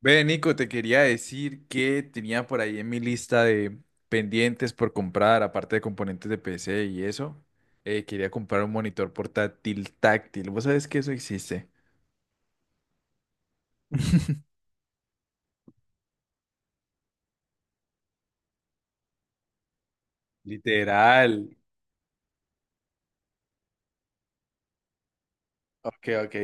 Ve, Nico, te quería decir que tenía por ahí en mi lista de pendientes por comprar, aparte de componentes de PC y eso, quería comprar un monitor portátil táctil. ¿Vos sabés que eso existe? Literal. Ok, ok.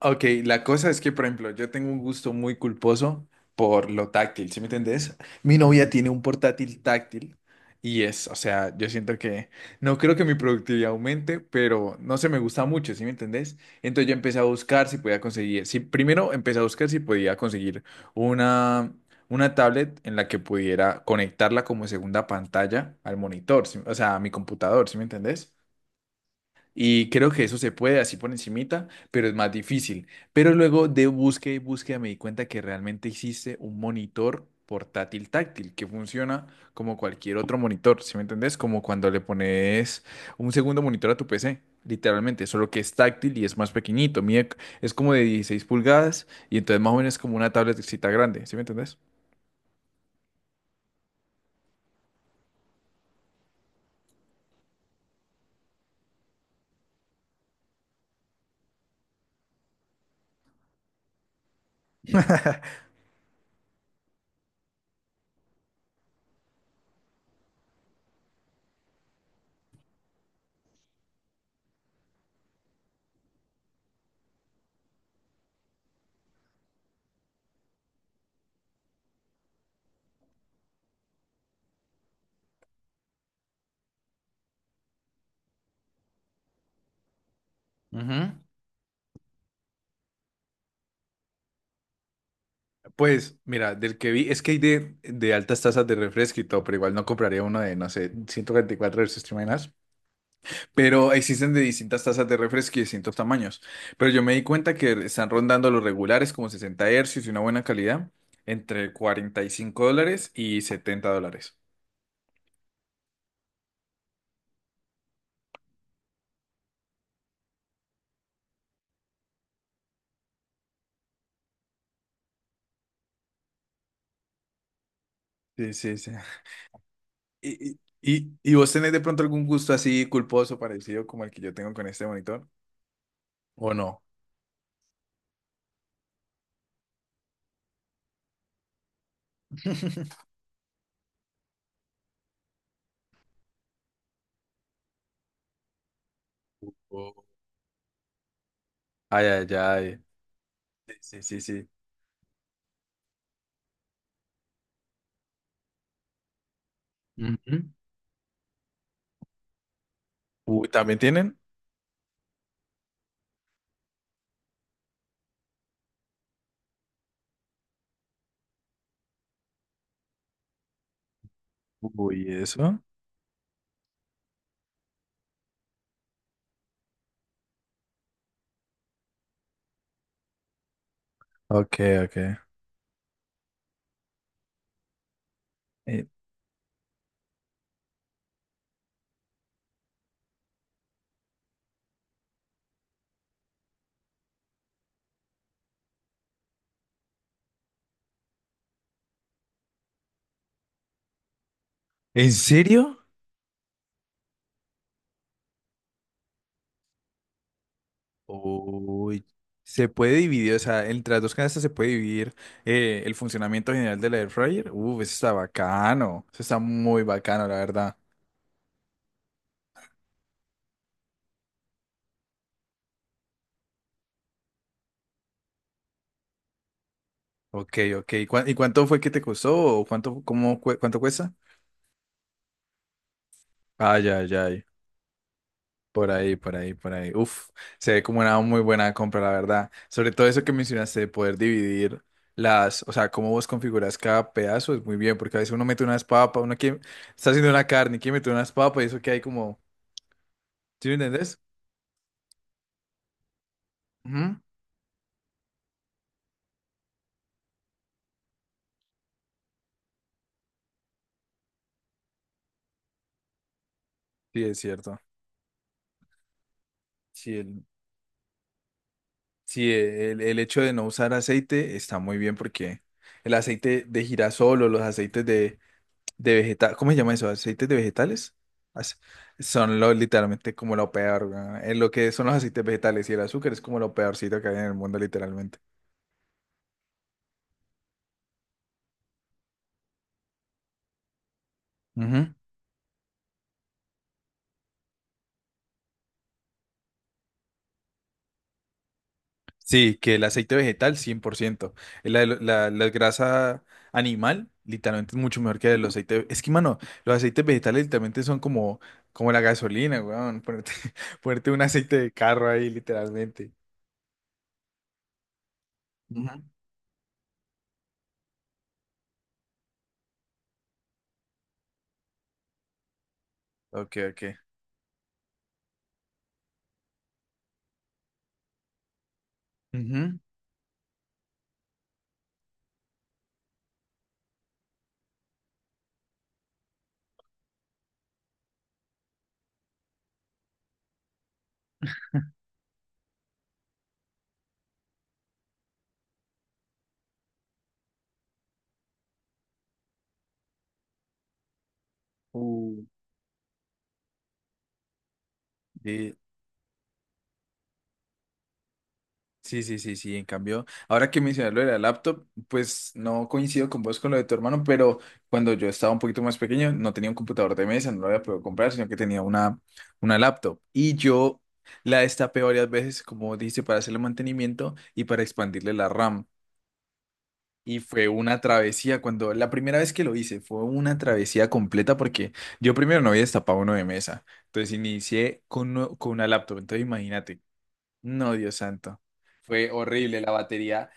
Ok, la cosa es que, por ejemplo, yo tengo un gusto muy culposo por lo táctil, ¿sí me entendés? Mi novia tiene un portátil táctil y es, o sea, yo siento que no creo que mi productividad aumente, pero no se me gusta mucho, ¿sí me entendés? Entonces yo empecé a buscar si podía conseguir, si primero empecé a buscar si podía conseguir una, una tablet en la que pudiera conectarla como segunda pantalla al monitor, ¿sí? O sea, a mi computador, ¿sí me entendés? Y creo que eso se puede así por encimita, pero es más difícil. Pero luego de búsqueda y búsqueda me di cuenta que realmente existe un monitor portátil táctil que funciona como cualquier otro monitor, ¿sí me entendés? Como cuando le pones un segundo monitor a tu PC, literalmente, solo que es táctil y es más pequeñito. Mide, es como de 16 pulgadas y entonces más o menos es como una tabletcita grande, ¿sí me entendés? Ujú. Pues, mira, del que vi, es que hay de altas tasas de refresco y todo, pero igual no compraría uno de, no sé, 144 versus Trimanas. Pero existen de distintas tasas de refresco y distintos tamaños. Pero yo me di cuenta que están rondando los regulares como 60 hercios y una buena calidad, entre $45 y $70. Sí, sí, sí. ¿Y, vos tenés de pronto algún gusto así culposo parecido como el que yo tengo con este monitor? ¿O no? Ay, ay, ay. Sí, sí, sí. Sí. Ujú. Uy, ¿también tienen? Uy, eso. Ok, ok. Eh, ¿En serio? Uy. Se puede dividir, o sea, entre las dos canastas se puede dividir el funcionamiento general de la air fryer. Uf, eso está bacano. Eso está muy bacano, la verdad. Ok, ok. ¿Cuá- ¿Y cuánto fue que te costó? ¿O cuánto, cómo, cue- cuánto cuesta? Ay, ay, ay. Por ahí, por ahí, por ahí. Uf, se ve como una muy buena compra, la verdad. Sobre todo eso que mencionaste de poder dividir las, o sea, cómo vos configuras cada pedazo es muy bien, porque a veces uno mete unas papas, uno quiere, está haciendo una carne, quiere meter unas papas y eso que hay como, ¿sí me entendés? Ujú. Sí, es cierto. Sí, el, sí, el hecho de no usar aceite está muy bien porque el aceite de girasol o los aceites de vegetal, ¿cómo se llama eso? ¿Aceites de vegetales? Ace- Son lo, literalmente como lo peor, weón. Es lo que son los aceites vegetales y el azúcar es como lo peorcito que hay en el mundo, literalmente. Ujú. Sí, que el aceite vegetal, 100%. La grasa animal, literalmente es mucho mejor que el aceite. Es que, mano, los aceites vegetales literalmente son como, como la gasolina, weón. Ponerte, ponerte un aceite de carro ahí, literalmente. Ujú. Ok, ok. Ujú. Uh, Y sí, sí, sí, sí, en cambio, ahora que mencionas lo de la laptop, pues no coincido con vos con lo de tu hermano, pero cuando yo estaba un poquito más pequeño, no tenía un computador de mesa, no lo había podido comprar, sino que tenía una laptop. Y yo la destapé varias veces, como dijiste, para hacerle mantenimiento y para expandirle la RAM. Y fue una travesía, cuando la primera vez que lo hice, fue una travesía completa porque yo primero no había destapado uno de mesa, entonces inicié con, uno- con una laptop, entonces imagínate. No, Dios santo. Fue horrible la batería.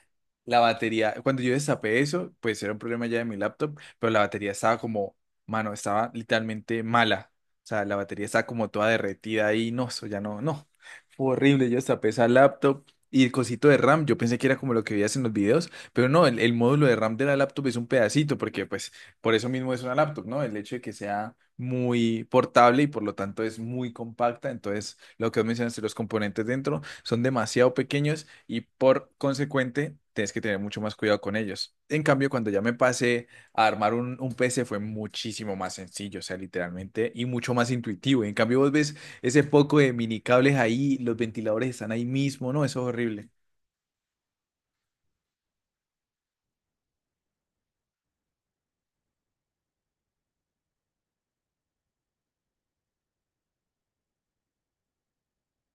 La batería, cuando yo destapé eso, pues era un problema ya de mi laptop, pero la batería estaba como, mano, estaba literalmente mala. O sea, la batería estaba como toda derretida ahí, no, eso ya no, no. Fue horrible, yo destapé esa laptop y el cosito de RAM, yo pensé que era como lo que veías en los videos, pero no, el módulo de RAM de la laptop es un pedacito, porque pues por eso mismo es una laptop, ¿no? El hecho de que sea muy portable y por lo tanto es muy compacta. Entonces, lo que vos mencionaste, los componentes dentro son demasiado pequeños y por consecuente tienes que tener mucho más cuidado con ellos. En cambio, cuando ya me pasé a armar un PC fue muchísimo más sencillo, o sea, literalmente, y mucho más intuitivo. En cambio, vos ves ese poco de mini cables ahí, los ventiladores están ahí mismo, ¿no? Eso es horrible.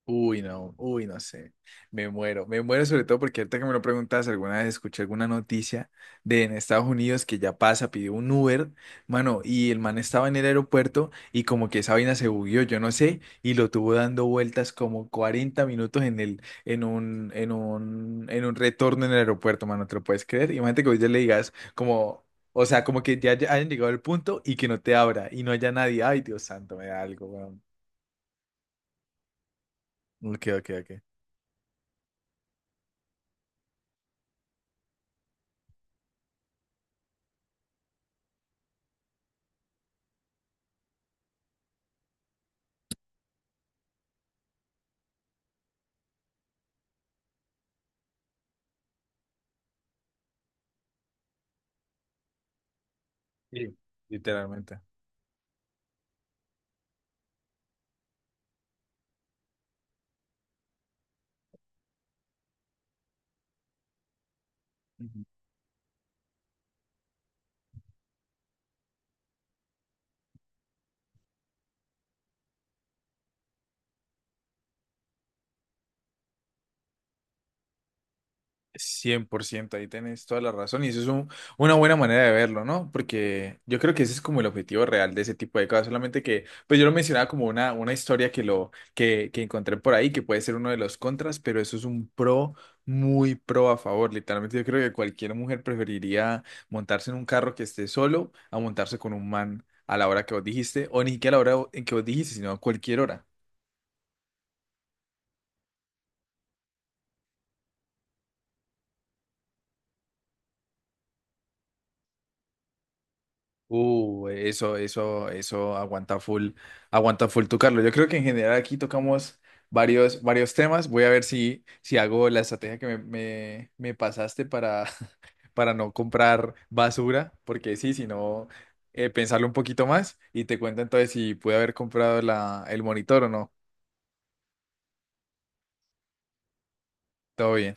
Uy, no sé. Me muero sobre todo porque ahorita que me lo preguntas, alguna vez escuché alguna noticia de en Estados Unidos que ya pasa, pidió un Uber, mano, y el man estaba en el aeropuerto y como que esa vaina se bugueó, yo no sé, y lo tuvo dando vueltas como 40 minutos en el, en un retorno en el aeropuerto, mano, ¿te lo puedes creer? Imagínate que hoy ya le digas como, o sea, como que ya hayan llegado al punto y que no te abra y no haya nadie. Ay, Dios santo, me da algo, weón. Ok, ok, ok. Sí. Literalmente. Ujú. Cien por ciento ahí tenés toda la razón y eso es un- una buena manera de verlo, ¿no? Porque yo creo que ese es como el objetivo real de ese tipo de cosas, solamente que, pues yo lo mencionaba como una historia que, lo, que encontré por ahí, que puede ser uno de los contras, pero eso es un pro, muy pro a favor, literalmente yo creo que cualquier mujer preferiría montarse en un carro que esté solo a montarse con un man a la hora que vos dijiste, o ni siquiera a la hora en que vos dijiste, sino a cualquier hora. Eso, eso, eso aguanta full tu Carlos. Yo creo que en general aquí tocamos varios, varios temas. Voy a ver si, si hago la estrategia que me pasaste para, para no comprar basura, porque sí, si no, pensarlo un poquito más y te cuento entonces si pude haber comprado la, el monitor o no. Todo bien.